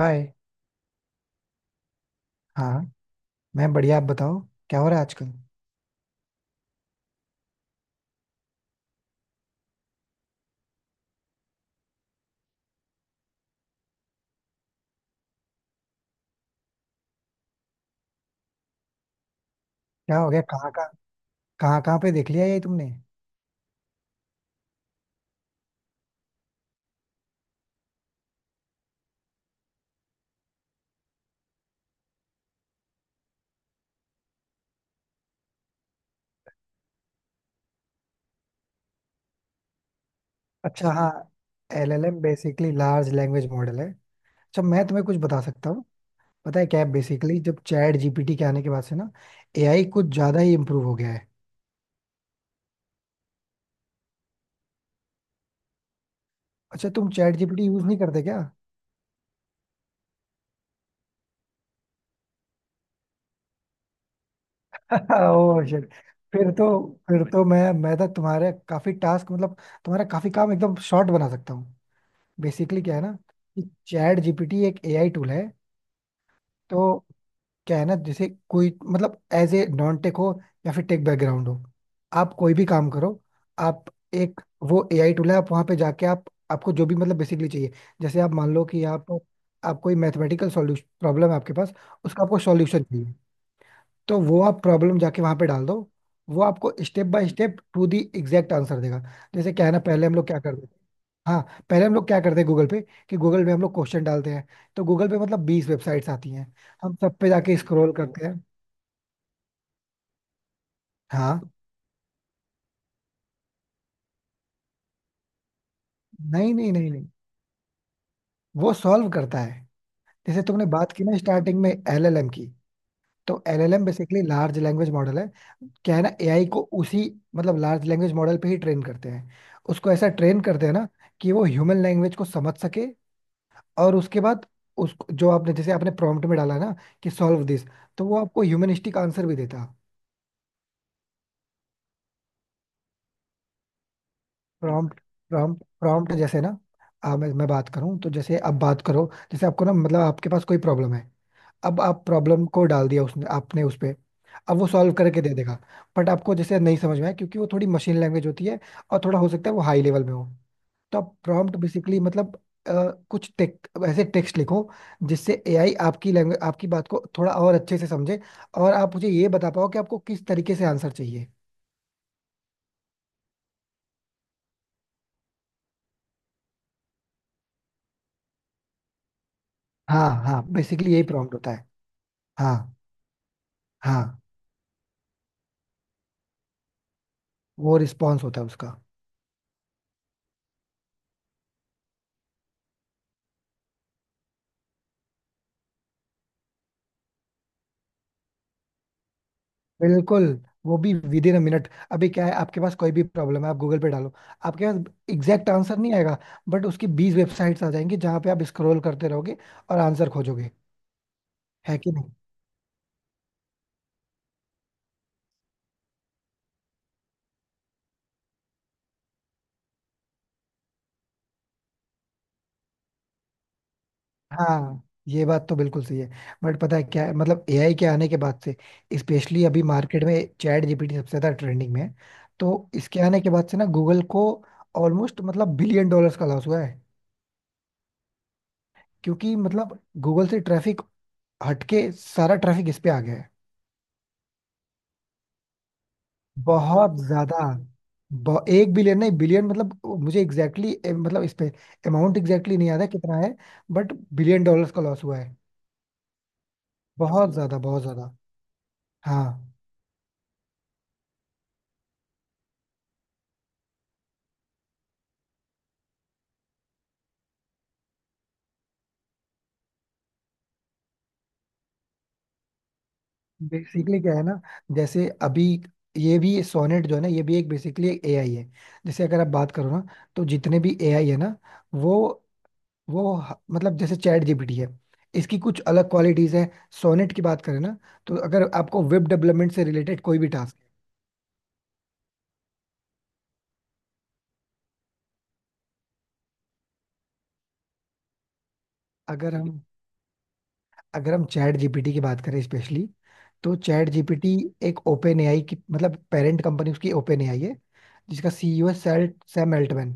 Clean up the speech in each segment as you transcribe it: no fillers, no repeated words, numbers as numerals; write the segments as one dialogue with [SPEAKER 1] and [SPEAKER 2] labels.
[SPEAKER 1] हाय। हाँ, मैं बढ़िया। आप बताओ क्या हो रहा है आजकल। क्या हो गया? कहाँ कहाँ? कहाँ कहाँ पे देख लिया ये तुमने? अच्छा हाँ। L L M basically large language model है। अच्छा, मैं तुम्हें कुछ बता सकता हूँ। पता है क्या है, बेसिकली जब चैट जीपीटी के आने के बाद से ना, एआई कुछ ज्यादा ही इम्प्रूव हो गया है। अच्छा, तुम चैट जीपीटी यूज नहीं करते क्या? Oh shit. फिर तो फिर तो मैं तो तुम्हारे काफी टास्क मतलब तुम्हारा काफी काम एकदम शॉर्ट बना सकता हूँ। बेसिकली क्या है ना कि चैट जीपीटी एक एआई टूल है। तो क्या है ना, जैसे कोई मतलब एज ए नॉन टेक हो या फिर टेक बैकग्राउंड हो, आप कोई भी काम करो। आप एक वो एआई टूल है। आप वहां पे जाके आप आपको जो भी मतलब बेसिकली चाहिए, जैसे आप मान लो कि आप कोई मैथमेटिकल सॉल्यूशन प्रॉब्लम है आपके पास, उसका आपको सॉल्यूशन चाहिए, तो वो आप प्रॉब्लम जाके वहां पे डाल दो। वो आपको step by step to the exact answer देगा। जैसे क्या है ना, पहले हम लोग क्या करते... हाँ, पहले हम लोग क्या करते हैं गूगल पे। कि गूगल पे हम लोग क्वेश्चन डालते हैं। तो गूगल पे मतलब 20 वेबसाइट्स आती हैं। हम सब पे जाके स्क्रॉल करते हैं। हाँ। नहीं नहीं नहीं नहीं, वो सॉल्व करता है। जैसे तुमने बात की ना स्टार्टिंग में एलएलएम की, तो LLM basically large language model है। क्या है ना, एआई को उसी मतलब लार्ज लैंग्वेज मॉडल पे ही ट्रेन करते हैं। उसको ऐसा ट्रेन करते हैं ना कि वो ह्यूमन लैंग्वेज को समझ सके। और उसके बाद उसको जो आपने, जैसे आपने प्रॉम्प्ट में डाला ना कि सॉल्व दिस, तो वो आपको ह्यूमनिस्टिक आंसर भी देता। प्रॉम्प्ट। प्रॉम्प्ट, प्रॉम्प्ट जैसे ना, मैं बात करूं तो जैसे आप बात करो, जैसे आपको ना मतलब आपके पास कोई प्रॉब्लम है। अब आप प्रॉब्लम को डाल दिया उसने, आपने, उस पे अब वो सॉल्व करके दे देगा। बट आपको जैसे नहीं समझ में आया क्योंकि वो थोड़ी मशीन लैंग्वेज होती है, और थोड़ा हो सकता है वो हाई लेवल में हो। तो प्रॉम्प्ट बेसिकली मतलब अ, कुछ टेक ऐसे टेक्स्ट लिखो जिससे एआई आपकी लैंग्वेज, आपकी बात को थोड़ा और अच्छे से समझे, और आप मुझे ये बता पाओ कि आपको किस तरीके से आंसर चाहिए। हाँ हाँ, बेसिकली यही प्रॉम्प्ट होता है। हाँ। हाँ, वो रिस्पॉन्स होता है उसका। बिल्कुल, वो भी विद इन अ मिनट। अभी क्या है, आपके पास कोई भी प्रॉब्लम है आप गूगल पे डालो, आपके पास एग्जैक्ट आंसर नहीं आएगा। बट उसकी 20 वेबसाइट्स आ जाएंगी जहाँ पे आप स्क्रॉल करते रहोगे और आंसर खोजोगे। है कि नहीं? हाँ, ये बात तो बिल्कुल सही है। बट पता है क्या है, मतलब एआई के आने के बाद से स्पेशली अभी मार्केट में चैट जीपीटी सबसे ज्यादा ट्रेंडिंग में है। तो इसके आने के बाद से ना, गूगल को ऑलमोस्ट मतलब बिलियन डॉलर्स का लॉस हुआ है। क्योंकि मतलब गूगल से ट्रैफिक हटके सारा ट्रैफिक इस पे आ गया है। बहुत ज्यादा। एक बिलियन नहीं, बिलियन मतलब मुझे एग्जैक्टली मतलब इस पे अमाउंट एग्जैक्टली नहीं याद है कितना है, बट बिलियन डॉलर्स का लॉस हुआ है। बहुत ज्यादा, बहुत ज्यादा। हाँ, बेसिकली क्या है ना, जैसे अभी ये भी सोनेट जो है ना, ये भी एक बेसिकली एक एआई है। जैसे अगर आप बात करो ना, तो जितने भी एआई है ना, वो वो मतलब जैसे चैट जीपीटी है, इसकी कुछ अलग क्वालिटीज है। सोनेट की बात करें ना, तो अगर आपको वेब डेवलपमेंट से रिलेटेड कोई भी टास्क... अगर हम अगर हम चैट जीपीटी की बात करें स्पेशली, तो चैट जीपीटी एक ओपन एआई की मतलब पेरेंट कंपनी उसकी ओपन एआई है, जिसका सीईओ है सेल सैम अल्टमैन।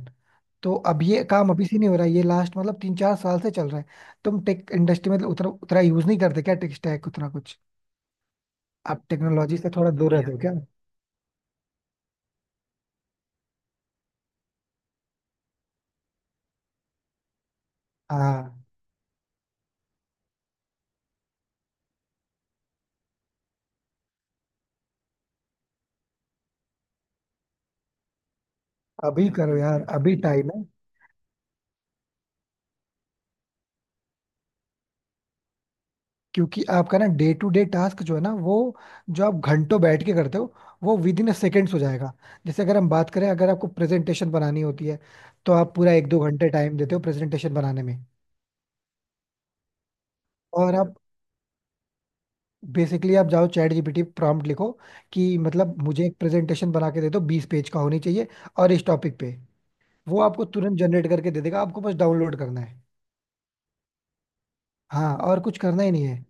[SPEAKER 1] तो अब ये काम अभी से नहीं हो रहा है, ये लास्ट मतलब 3-4 साल से चल रहा है। तुम टेक इंडस्ट्री में उतना उतना यूज नहीं करते क्या, टेक स्टैक उतना कुछ? आप टेक्नोलॉजी से थोड़ा दूर रहते हो क्या? हाँ, अभी करो यार अभी टाइम है। क्योंकि आपका ना डे टू डे टास्क जो है ना, वो जो आप घंटों बैठ के करते हो, वो विद इन सेकेंड्स हो जाएगा। जैसे अगर हम बात करें, अगर आपको प्रेजेंटेशन बनानी होती है, तो आप पूरा एक दो घंटे टाइम देते हो प्रेजेंटेशन बनाने में। और आप बेसिकली आप जाओ चैट जीपीटी प्रॉम्प्ट लिखो कि मतलब मुझे एक प्रेजेंटेशन बना के दे दो 20 पेज का होनी चाहिए और इस टॉपिक पे। वो आपको तुरंत जनरेट करके दे देगा, आपको बस डाउनलोड करना है। हाँ, और कुछ करना ही नहीं है।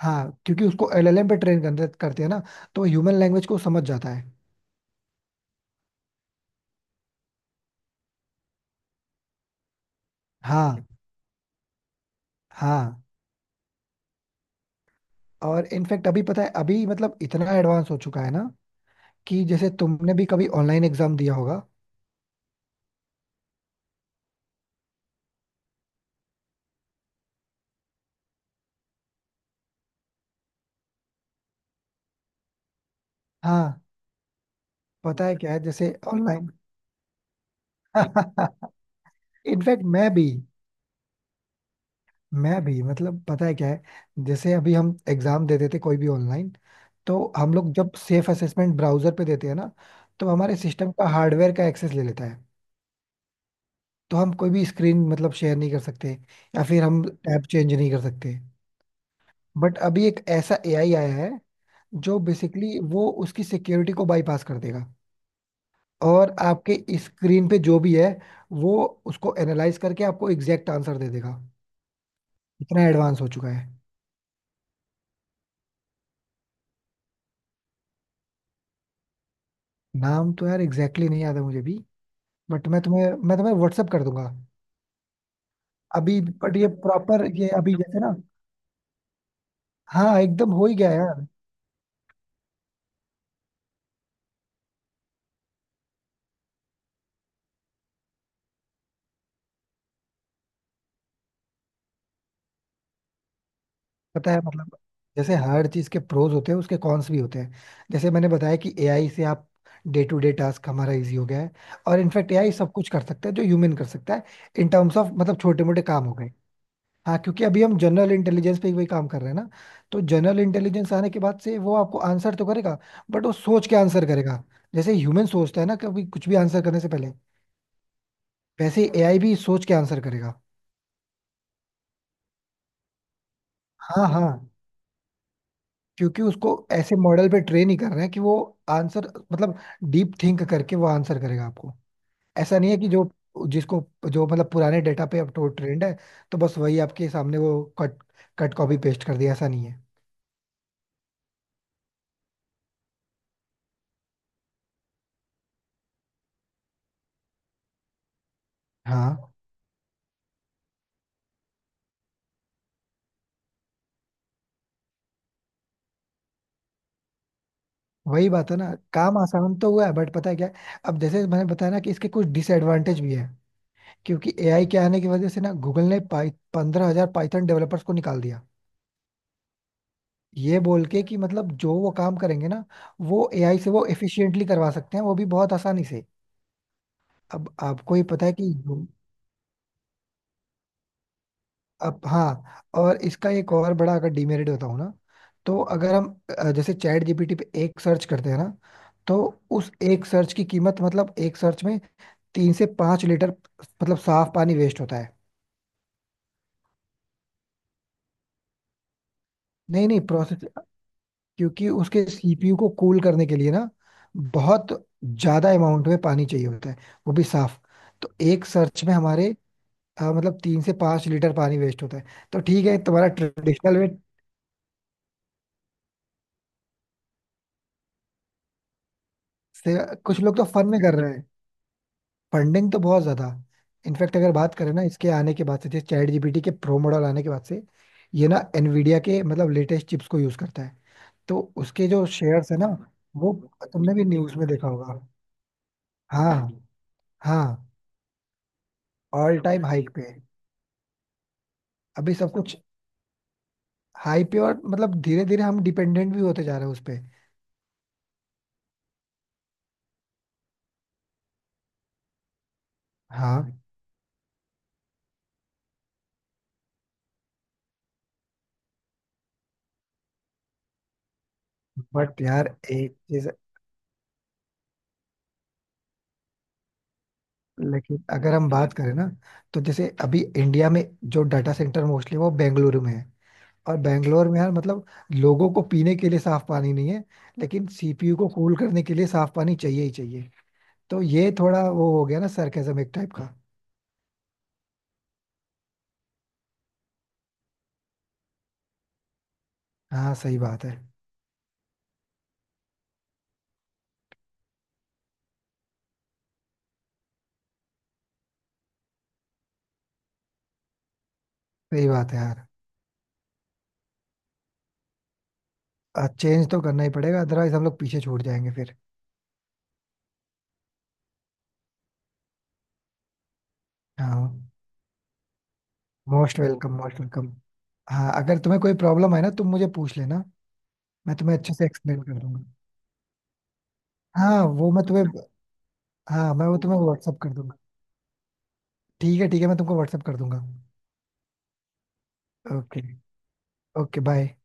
[SPEAKER 1] हाँ क्योंकि उसको एलएलएम पे ट्रेन करते हैं ना, तो ह्यूमन लैंग्वेज को समझ जाता है। हाँ। हाँ। और इनफैक्ट अभी पता है, अभी मतलब इतना एडवांस हो चुका है ना, कि जैसे तुमने भी कभी ऑनलाइन एग्जाम दिया होगा। हाँ, पता है क्या है, जैसे ऑनलाइन... इनफैक्ट मैं भी, मतलब पता है क्या है, जैसे अभी हम एग्जाम देते थे कोई भी ऑनलाइन। तो हम लोग जब सेफ असेसमेंट ब्राउजर पे देते हैं ना, तो हमारे सिस्टम का हार्डवेयर का एक्सेस ले लेता है। तो हम कोई भी स्क्रीन मतलब शेयर नहीं कर सकते, या फिर हम टैब चेंज नहीं कर सकते। बट अभी एक ऐसा एआई आया है, जो बेसिकली वो उसकी सिक्योरिटी को बाईपास कर देगा, और आपके स्क्रीन पे जो भी है, वो उसको एनालाइज करके आपको एग्जैक्ट आंसर दे देगा। इतना एडवांस हो चुका है। नाम तो यार एग्जैक्टली exactly नहीं याद है मुझे भी, बट मैं तुम्हें व्हाट्सअप कर दूंगा। अभी बट ये प्रॉपर, ये अभी जैसे ना... हाँ एकदम हो ही गया यार। पता है मतलब, जैसे हर चीज के प्रोज होते हैं उसके कॉन्स भी होते हैं। जैसे मैंने बताया कि एआई से आप डे टू डे टास्क हमारा इजी हो गया है। और इनफैक्ट एआई सब कुछ कर सकता है जो ह्यूमन कर सकता है, इन टर्म्स ऑफ मतलब छोटे मोटे काम हो गए। हाँ, क्योंकि अभी हम जनरल इंटेलिजेंस पे ही वही काम कर रहे हैं ना। तो जनरल इंटेलिजेंस आने के बाद से वो आपको आंसर तो करेगा, बट वो सोच के आंसर करेगा। जैसे ह्यूमन सोचता है ना कभी कुछ भी आंसर करने से पहले, वैसे एआई भी सोच के आंसर करेगा। हाँ हाँ, क्योंकि उसको ऐसे मॉडल पे ट्रेन ही कर रहे हैं कि वो आंसर मतलब डीप थिंक करके वो आंसर करेगा आपको। ऐसा नहीं है कि जिसको जो मतलब पुराने डेटा पे अब तो ट्रेंड है, तो बस वही आपके सामने वो कट कट कॉपी पेस्ट कर दिया, ऐसा नहीं है। हाँ वही बात है ना, काम आसान तो हुआ है, बट पता है क्या है? अब जैसे मैंने बताया ना कि इसके कुछ डिसएडवांटेज भी है। क्योंकि एआई के आने की वजह से ना, गूगल ने पाई 15,000 पाइथन डेवलपर्स को निकाल दिया। ये बोल के कि मतलब जो वो काम करेंगे ना, वो एआई से वो एफिशिएंटली करवा सकते हैं, वो भी बहुत आसानी से। अब आपको ही पता है कि जो- अब हाँ, और इसका एक और बड़ा अगर डिमेरिट बताऊँ ना, तो अगर हम जैसे चैट जीपीटी पे एक सर्च करते हैं ना, तो उस एक सर्च की कीमत मतलब एक सर्च में 3 से 5 लीटर मतलब साफ पानी वेस्ट होता है। नहीं नहीं, प्रोसेस क्योंकि उसके सीपीयू को कूल करने के लिए ना बहुत ज्यादा अमाउंट में पानी चाहिए होता है, वो भी साफ। तो एक सर्च में हमारे मतलब 3 से 5 लीटर पानी वेस्ट होता है। तो ठीक है, तुम्हारा ट्रेडिशनल वे से कुछ लोग तो फन में कर रहे हैं। फंडिंग तो बहुत ज्यादा। इनफैक्ट अगर बात करें ना, इसके आने के बाद से जैसे चैट जीपीटी के प्रो मॉडल आने के बाद से, ये ना एनवीडिया के मतलब लेटेस्ट चिप्स को यूज करता है। तो उसके जो शेयर्स है ना, वो तुमने भी न्यूज में देखा होगा। हाँ। हाँ। ऑल टाइम हाइक पे है। अभी सब कुछ हाई पे, और मतलब धीरे धीरे हम डिपेंडेंट भी होते जा रहे हैं उस पे। हाँ। बट यार एक चीज, लेकिन अगर हम बात करें ना, तो जैसे अभी इंडिया में जो डाटा सेंटर मोस्टली वो बेंगलुरु में है। और बेंगलोर में यार मतलब लोगों को पीने के लिए साफ पानी नहीं है, लेकिन सीपीयू को कूल करने के लिए साफ पानी चाहिए ही चाहिए। तो ये थोड़ा वो हो गया ना, सरकेज़म एक टाइप का। हाँ सही बात है। सही बात है यार, चेंज तो करना ही पड़ेगा, अदरवाइज हम लोग पीछे छूट जाएंगे फिर। हाँ, मोस्ट वेलकम, मोस्ट वेलकम। हाँ, अगर तुम्हें कोई प्रॉब्लम है ना तुम मुझे पूछ लेना, मैं तुम्हें अच्छे से एक्सप्लेन कर दूंगा। हाँ, वो मैं तुम्हें... हाँ मैं वो तुम्हें व्हाट्सअप कर दूंगा। ठीक है, ठीक है, मैं तुमको व्हाट्सअप कर दूंगा। ओके। Okay bye.